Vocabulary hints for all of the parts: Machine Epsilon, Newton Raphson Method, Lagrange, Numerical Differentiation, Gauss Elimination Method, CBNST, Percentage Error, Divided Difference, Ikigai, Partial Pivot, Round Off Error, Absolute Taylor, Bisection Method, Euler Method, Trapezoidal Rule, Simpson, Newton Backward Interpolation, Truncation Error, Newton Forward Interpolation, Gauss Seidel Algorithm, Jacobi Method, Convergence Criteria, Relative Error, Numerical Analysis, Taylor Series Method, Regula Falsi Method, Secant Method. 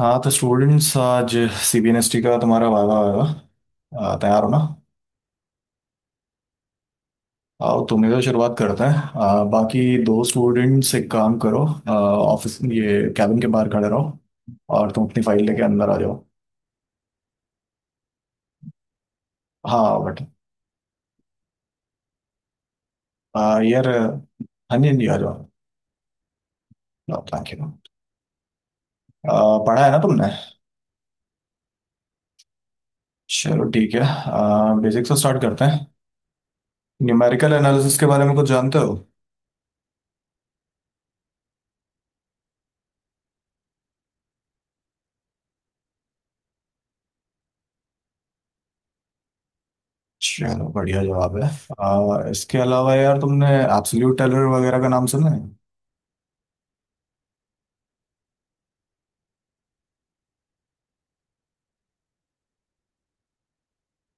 हाँ तो स्टूडेंट्स आज सीबीएनएसटी का तुम्हारा वाइवा आएगा। तैयार हो ना। आओ तुम्हें तो शुरुआत करते हैं। बाकी दो स्टूडेंट्स एक काम करो, ऑफिस ये कैबिन के बाहर खड़े रहो और तुम अपनी फाइल लेके अंदर आ जाओ। हाँ बट यार हाँ जी हाँ जी आ जाओ। Thank you. पढ़ा है ना तुमने। चलो ठीक है। बेसिक से स्टार्ट करते हैं। न्यूमेरिकल एनालिसिस के बारे में कुछ जानते हो। चलो बढ़िया जवाब है। इसके अलावा यार तुमने एब्सोल्यूट टेलर वगैरह का नाम सुना है।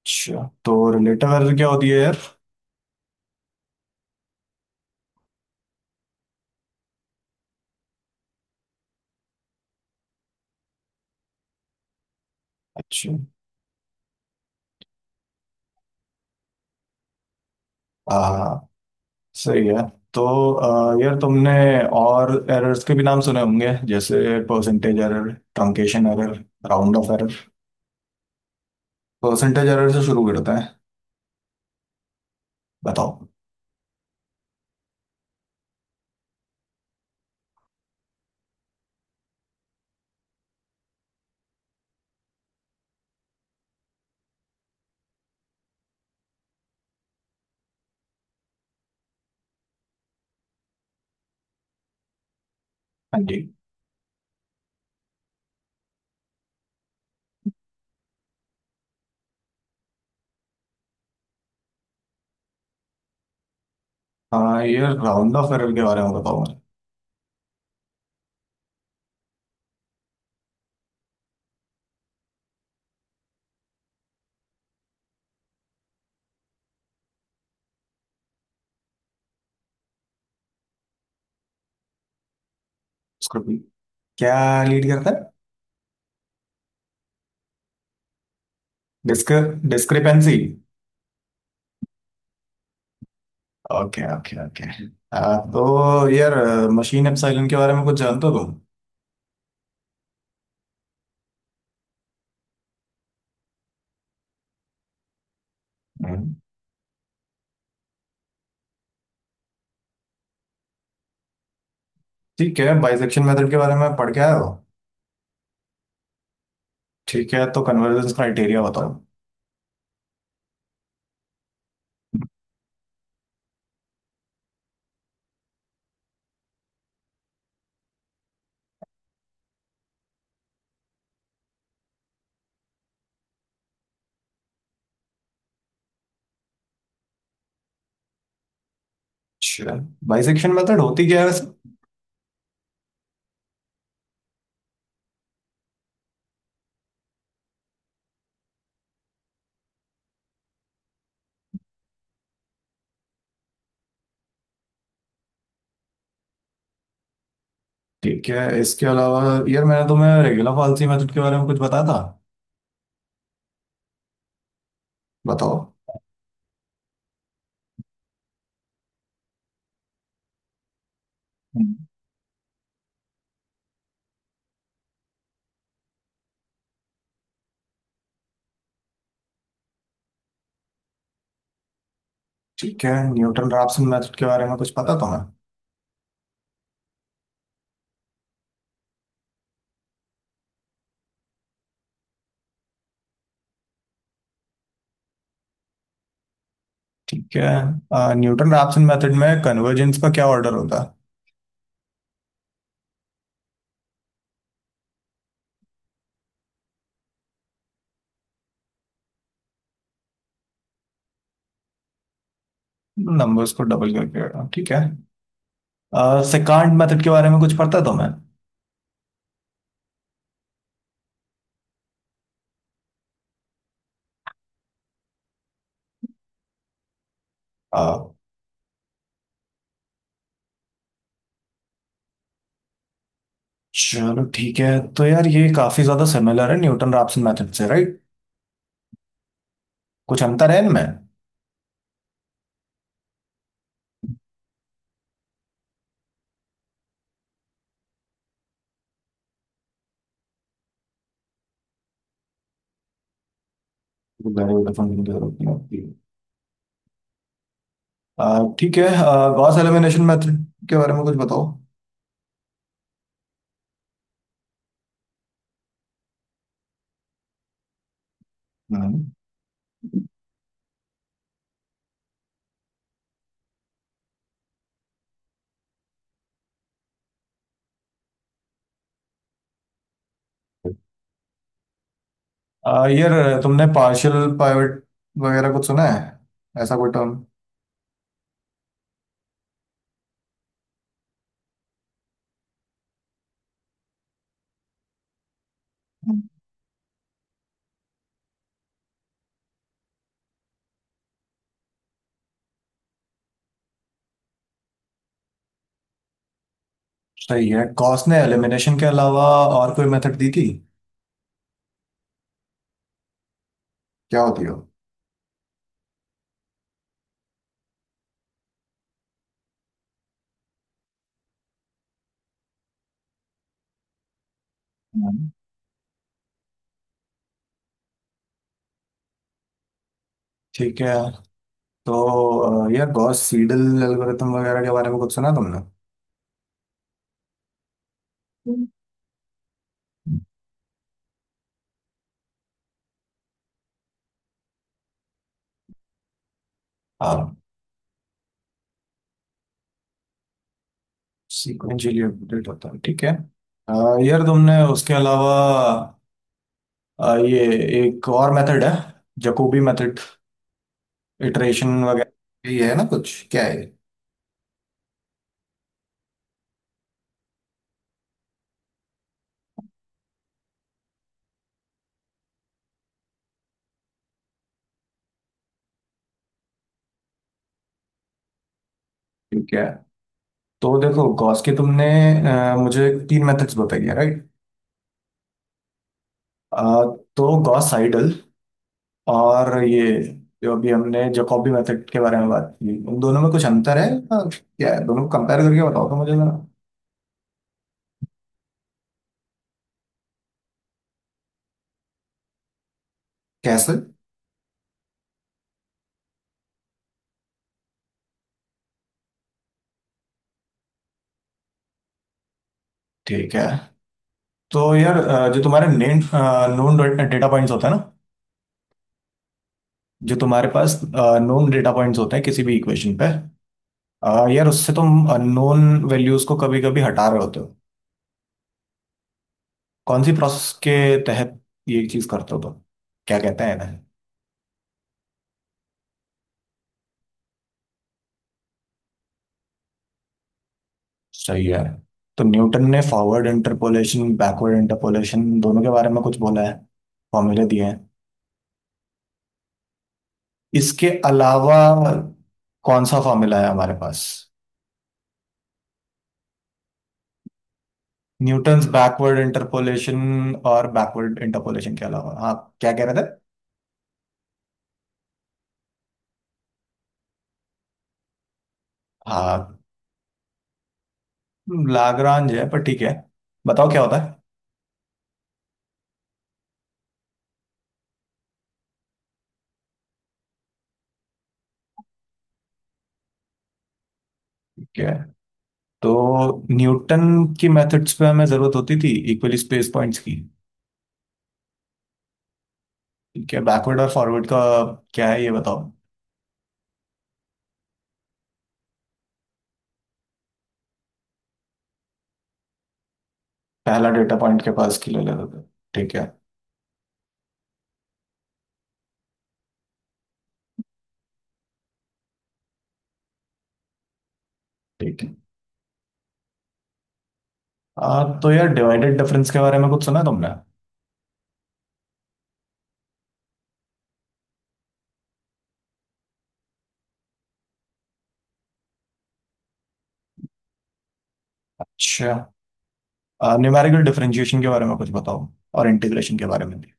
अच्छा तो रिलेटिव एरर क्या होती है यार। अच्छा। आ, सही है। तो यार तुमने और एरर्स के भी नाम सुने होंगे जैसे percentage error, truncation error, round off error. Percentage error से शुरू करते हैं। बताओ। हाँ जी। हाँ यार राउंड ऑफ एरर के बारे में बताओ मुझे। उसको भी क्या लीड करता है। Dis. Discrepancy. Okay okay okay. तो यार मशीन एप्सिलॉन के बारे में कुछ जानते हो तुम। हम्म। ठीक है बाइसेक्शन मेथड के बारे में पढ़ के आए हो। ठीक है तो कन्वर्जेंस क्राइटेरिया बताओ। अच्छा बाइसेक्शन मेथड होती क्या है वैसे। ठीक है इसके अलावा यार मैंने तुम्हें रेगुलर फॉल्सी मेथड के बारे में कुछ बताया था। बताओ। हम्म। ठीक है न्यूटन रैप्सन मेथड के बारे में कुछ पता तुम्हें। ठीक है। न्यूटन रैप्सन मेथड में कन्वर्जेंस का क्या ऑर्डर होता है। नंबर्स को डबल करके ठीक है। सेकंड मेथड के बारे में कुछ पता है तुम्हें। अ, चलो ठीक है। तो यार ये काफी ज्यादा सिमिलर है न्यूटन रैप्सन मेथड से राइट। कुछ अंतर है इनमें। गहरे वाले फंक्शन की जरूरत नहीं होती। ठीक है। गॉस एलिमिनेशन मेथड के बारे में कुछ बताओ। हम्म। यार तुमने पार्शियल पाइवट वगैरह कुछ सुना है ऐसा कोई टर्म। सही है गॉस ने एलिमिनेशन के अलावा और कोई मेथड दी थी। क्या होती हो। हम्म। ठीक है तो यार गॉस सीडल एल्गोरिथम वगैरह के बारे में कुछ सुना तुमने। हम्म। हाँ। सीक्वेंशियली अपडेट होता है ठीक है। अ, यार तुमने उसके अलावा ये एक और मेथड है, जकोबी मेथड इटरेशन वगैरह, ये है ना कुछ क्या है। ठीक है तो देखो गॉस के तुमने मुझे तीन मेथड्स बताई है राइट। तो गॉस साइडल और ये जो अभी हमने जकॉबी मेथड के बारे में बात की, उन दोनों में कुछ अंतर है या क्या है, दोनों को कंपेयर करके बताओ तो मुझे जरा। कैसे। ठीक है तो यार जो तुम्हारे नेम नोन डेटा पॉइंट्स होते हैं ना, जो तुम्हारे पास नोन डेटा पॉइंट्स होते हैं किसी भी इक्वेशन पे, यार उससे तुम नोन वैल्यूज को कभी कभी हटा रहे होते हो, कौन सी प्रोसेस के तहत ये चीज करते हो तुम, क्या कहते हैं ना? सही है। तो न्यूटन ने फॉरवर्ड इंटरपोलेशन बैकवर्ड इंटरपोलेशन दोनों के बारे में कुछ बोला है, फॉर्मूले दिए हैं। इसके अलावा कौन सा फॉर्मूला है हमारे पास। न्यूटन्स बैकवर्ड इंटरपोलेशन और बैकवर्ड इंटरपोलेशन के अलावा हाँ क्या कह रहे थे। हाँ लाग्रांज है पर ठीक है। बताओ क्या होता है। ठीक है तो न्यूटन की मेथड्स पे हमें जरूरत होती थी इक्वली स्पेस पॉइंट्स की। ठीक है बैकवर्ड और फॉरवर्ड का क्या है ये बताओ। पहला डेटा पॉइंट के पास किलो लेते थे। ठीक है। ठीक है। तो यार डिवाइडेड डिफरेंस के बारे में कुछ सुना है तुमने। अच्छा न्यूमेरिकल डिफरेंशिएशन के बारे में कुछ बताओ और इंटीग्रेशन के बारे में भी।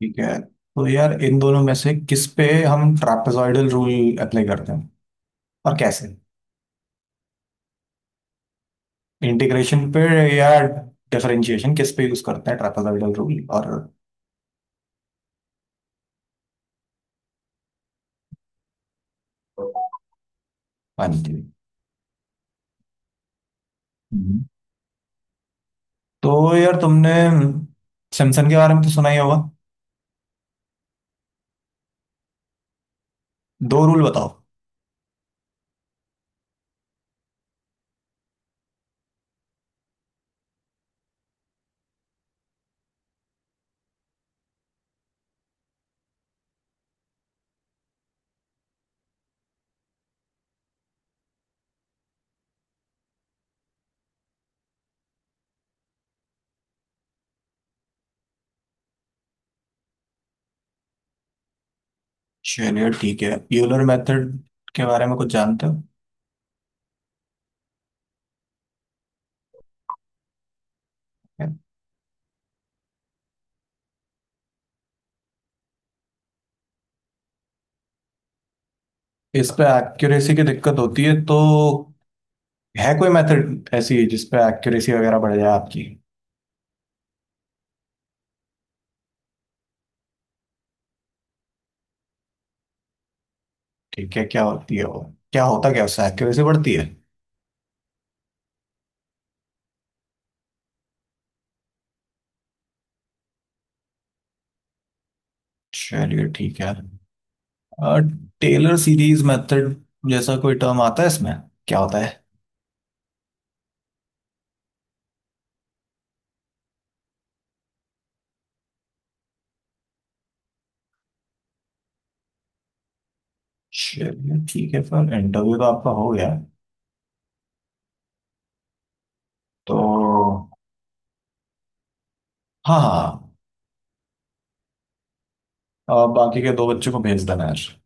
ठीक है तो यार इन दोनों में से किस पे हम ट्रापेजॉइडल रूल अप्लाई करते हैं और कैसे। इंटीग्रेशन पे या डिफरेंशिएशन किस पे यूज करते हैं ट्रापेजॉइडल रूल और। हाँ जी। हम्म। तो यार तुमने सिम्पसन के बारे में तो सुना ही होगा। दो रूल बताओ। चलिए ठीक है यूलर मेथड के बारे में कुछ जानते हो। इस पे एक्यूरेसी की दिक्कत होती है तो है कोई मेथड ऐसी जिस पे एक्यूरेसी वगैरह बढ़ जाए आपकी। ठीक है क्या होती है वो। क्या होता क्या उससे एक्यूरेसी बढ़ती है। चलिए ठीक है। और टेलर सीरीज मेथड जैसा कोई टर्म आता है इसमें, क्या होता है। चलिए ठीक है सर इंटरव्यू तो आपका हो गया है। तो हाँ हाँ अब बाकी के दो बच्चों को भेज देना यार।